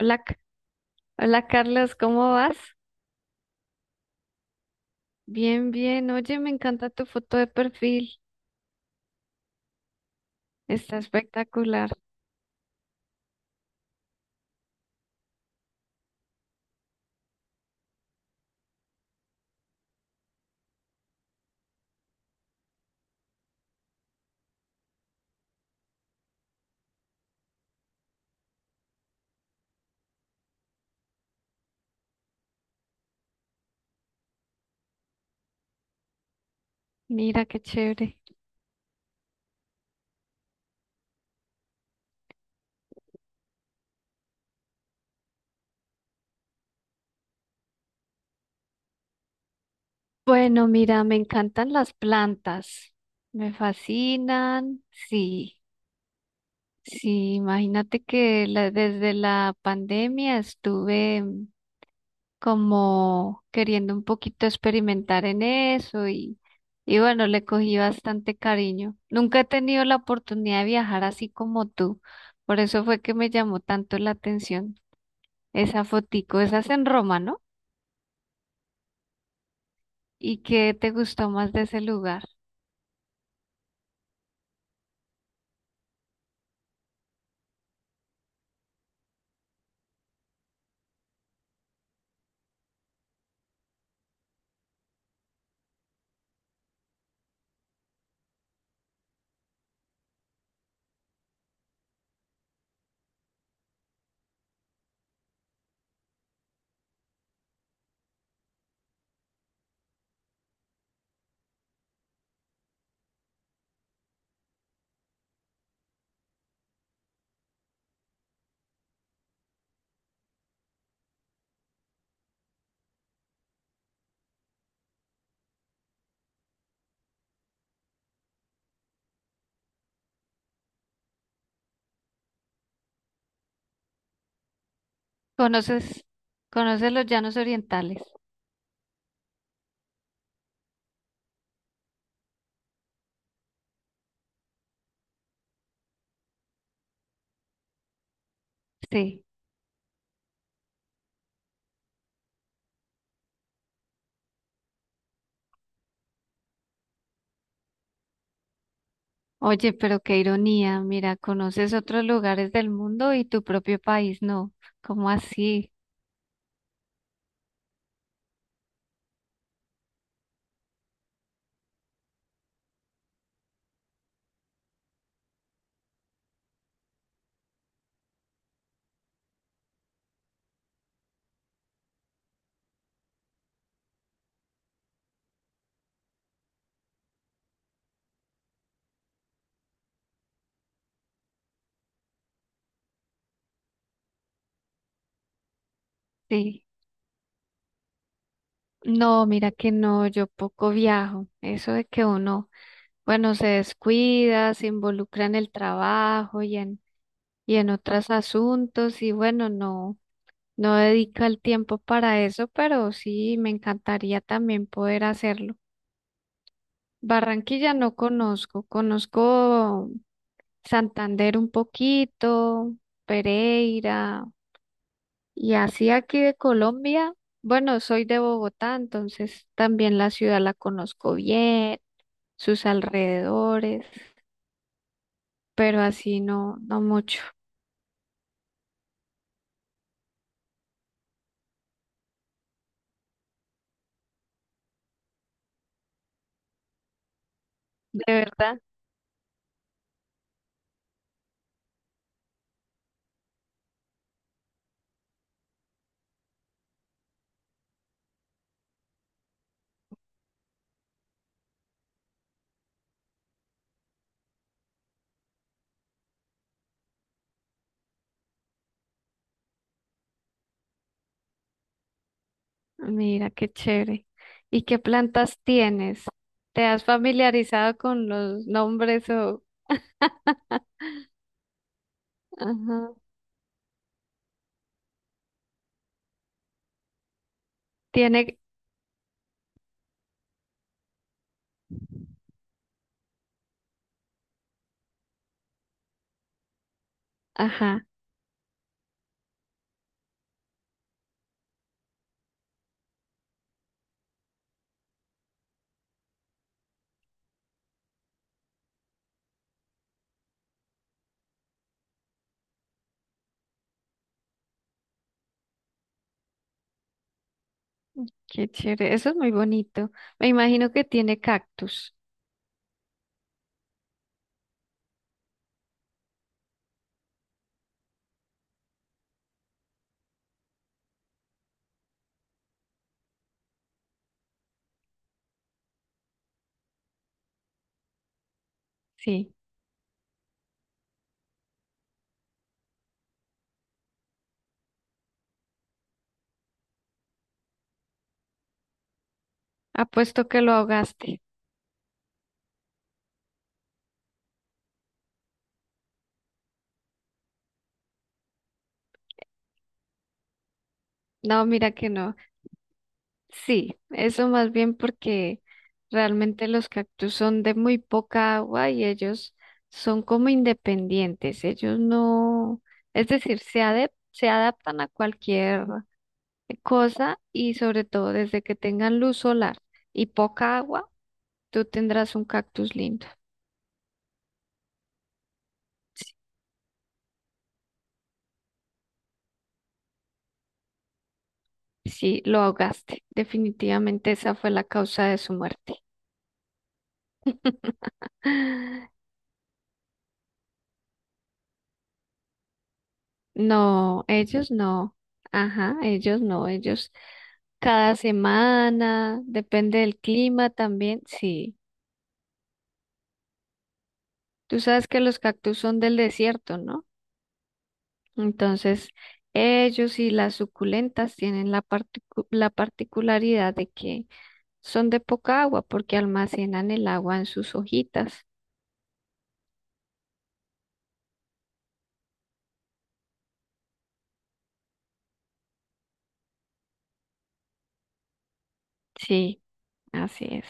Hola, hola Carlos, ¿cómo vas? Bien, bien. Oye, me encanta tu foto de perfil. Está espectacular. Mira qué chévere. Bueno, mira, me encantan las plantas. Me fascinan. Sí, sí, imagínate que desde la pandemia estuve como queriendo un poquito experimentar en eso y bueno, le cogí bastante cariño. Nunca he tenido la oportunidad de viajar así como tú, por eso fue que me llamó tanto la atención esa fotico, esa es en Roma, ¿no? ¿Y qué te gustó más de ese lugar? ¿Conoces, conoces los llanos orientales? Sí. Oye, pero qué ironía, mira, conoces otros lugares del mundo y tu propio país, no, ¿cómo así? Sí. No, mira que no, yo poco viajo. Eso de que uno, bueno, se descuida, se involucra en el trabajo y en otros asuntos y bueno, no, no dedica el tiempo para eso, pero sí me encantaría también poder hacerlo. Barranquilla no conozco, conozco Santander un poquito, Pereira y así aquí de Colombia. Bueno, soy de Bogotá, entonces también la ciudad la conozco bien. Sus alrededores, pero así no, no mucho. ¿De verdad? Mira qué chévere. ¿Y qué plantas tienes? ¿Te has familiarizado con los nombres o... Ajá. Tiene... Ajá, qué chévere. Eso es muy bonito. Me imagino que tiene cactus. Sí. Apuesto que lo ahogaste. No, mira que no. Sí, eso más bien porque realmente los cactus son de muy poca agua y ellos son como independientes. Ellos no, es decir, se adaptan a cualquier cosa y sobre todo desde que tengan luz solar y poca agua, tú tendrás un cactus lindo. Sí, sí, lo ahogaste. Definitivamente esa fue la causa de su muerte. No, ellos no. Ajá, ellos no, ellos cada semana, depende del clima también, sí. Tú sabes que los cactus son del desierto, ¿no? Entonces, ellos y las suculentas tienen la particularidad de que son de poca agua porque almacenan el agua en sus hojitas. Sí, así es.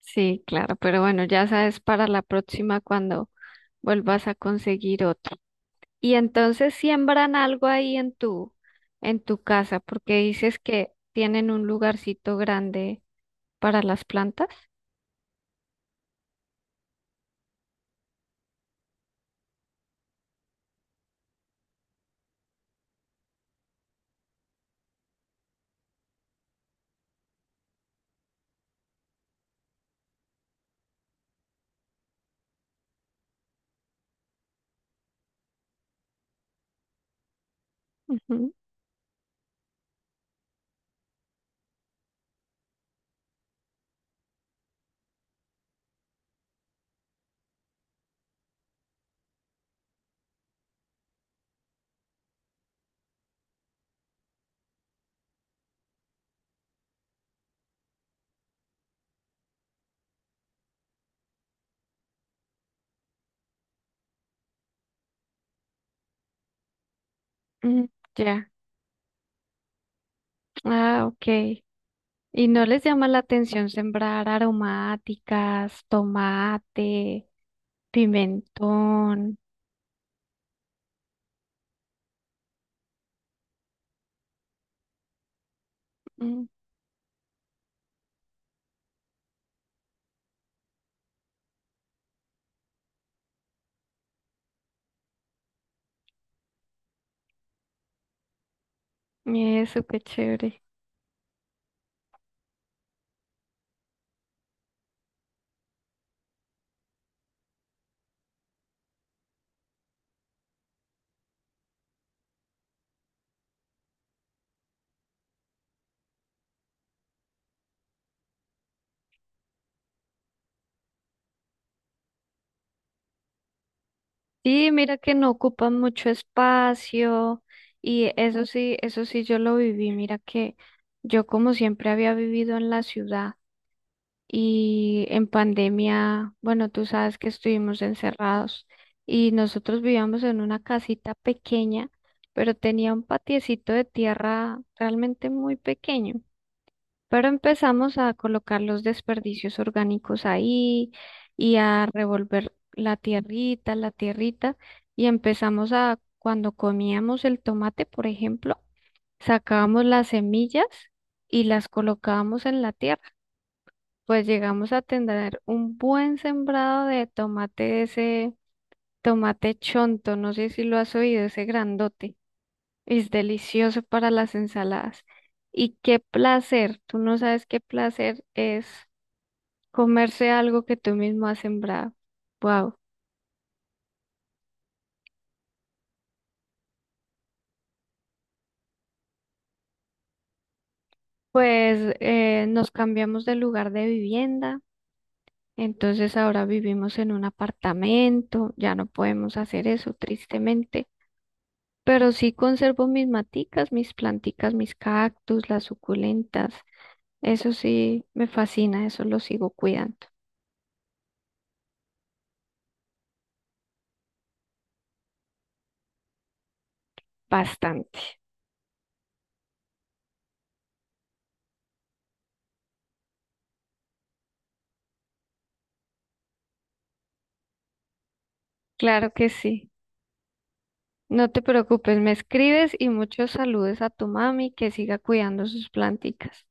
Sí, claro, pero bueno, ya sabes para la próxima cuando vuelvas a conseguir otro. Y entonces siembran algo ahí en tu casa, porque dices que tienen un lugarcito grande para las plantas. Ujú. Mm, ya. Ah, ok. ¿Y no les llama la atención sembrar aromáticas, tomate, pimentón? Mm, eso, qué chévere. Sí, mira que no ocupan mucho espacio y eso sí yo lo viví. Mira que yo como siempre había vivido en la ciudad y en pandemia, bueno, tú sabes que estuvimos encerrados y nosotros vivíamos en una casita pequeña, pero tenía un patiecito de tierra realmente muy pequeño. Pero empezamos a colocar los desperdicios orgánicos ahí y a revolver la tierrita, y empezamos a, cuando comíamos el tomate, por ejemplo, sacábamos las semillas y las colocábamos en la tierra. Pues llegamos a tener un buen sembrado de tomate, ese tomate chonto, no sé si lo has oído, ese grandote. Es delicioso para las ensaladas. Y qué placer, tú no sabes qué placer es comerse algo que tú mismo has sembrado. Wow. Pues nos cambiamos de lugar de vivienda, entonces ahora vivimos en un apartamento, ya no podemos hacer eso, tristemente. Pero sí conservo mis maticas, mis planticas, mis cactus, las suculentas. Eso sí me fascina, eso lo sigo cuidando bastante. Claro que sí. No te preocupes, me escribes y muchos saludos a tu mami que siga cuidando sus planticas.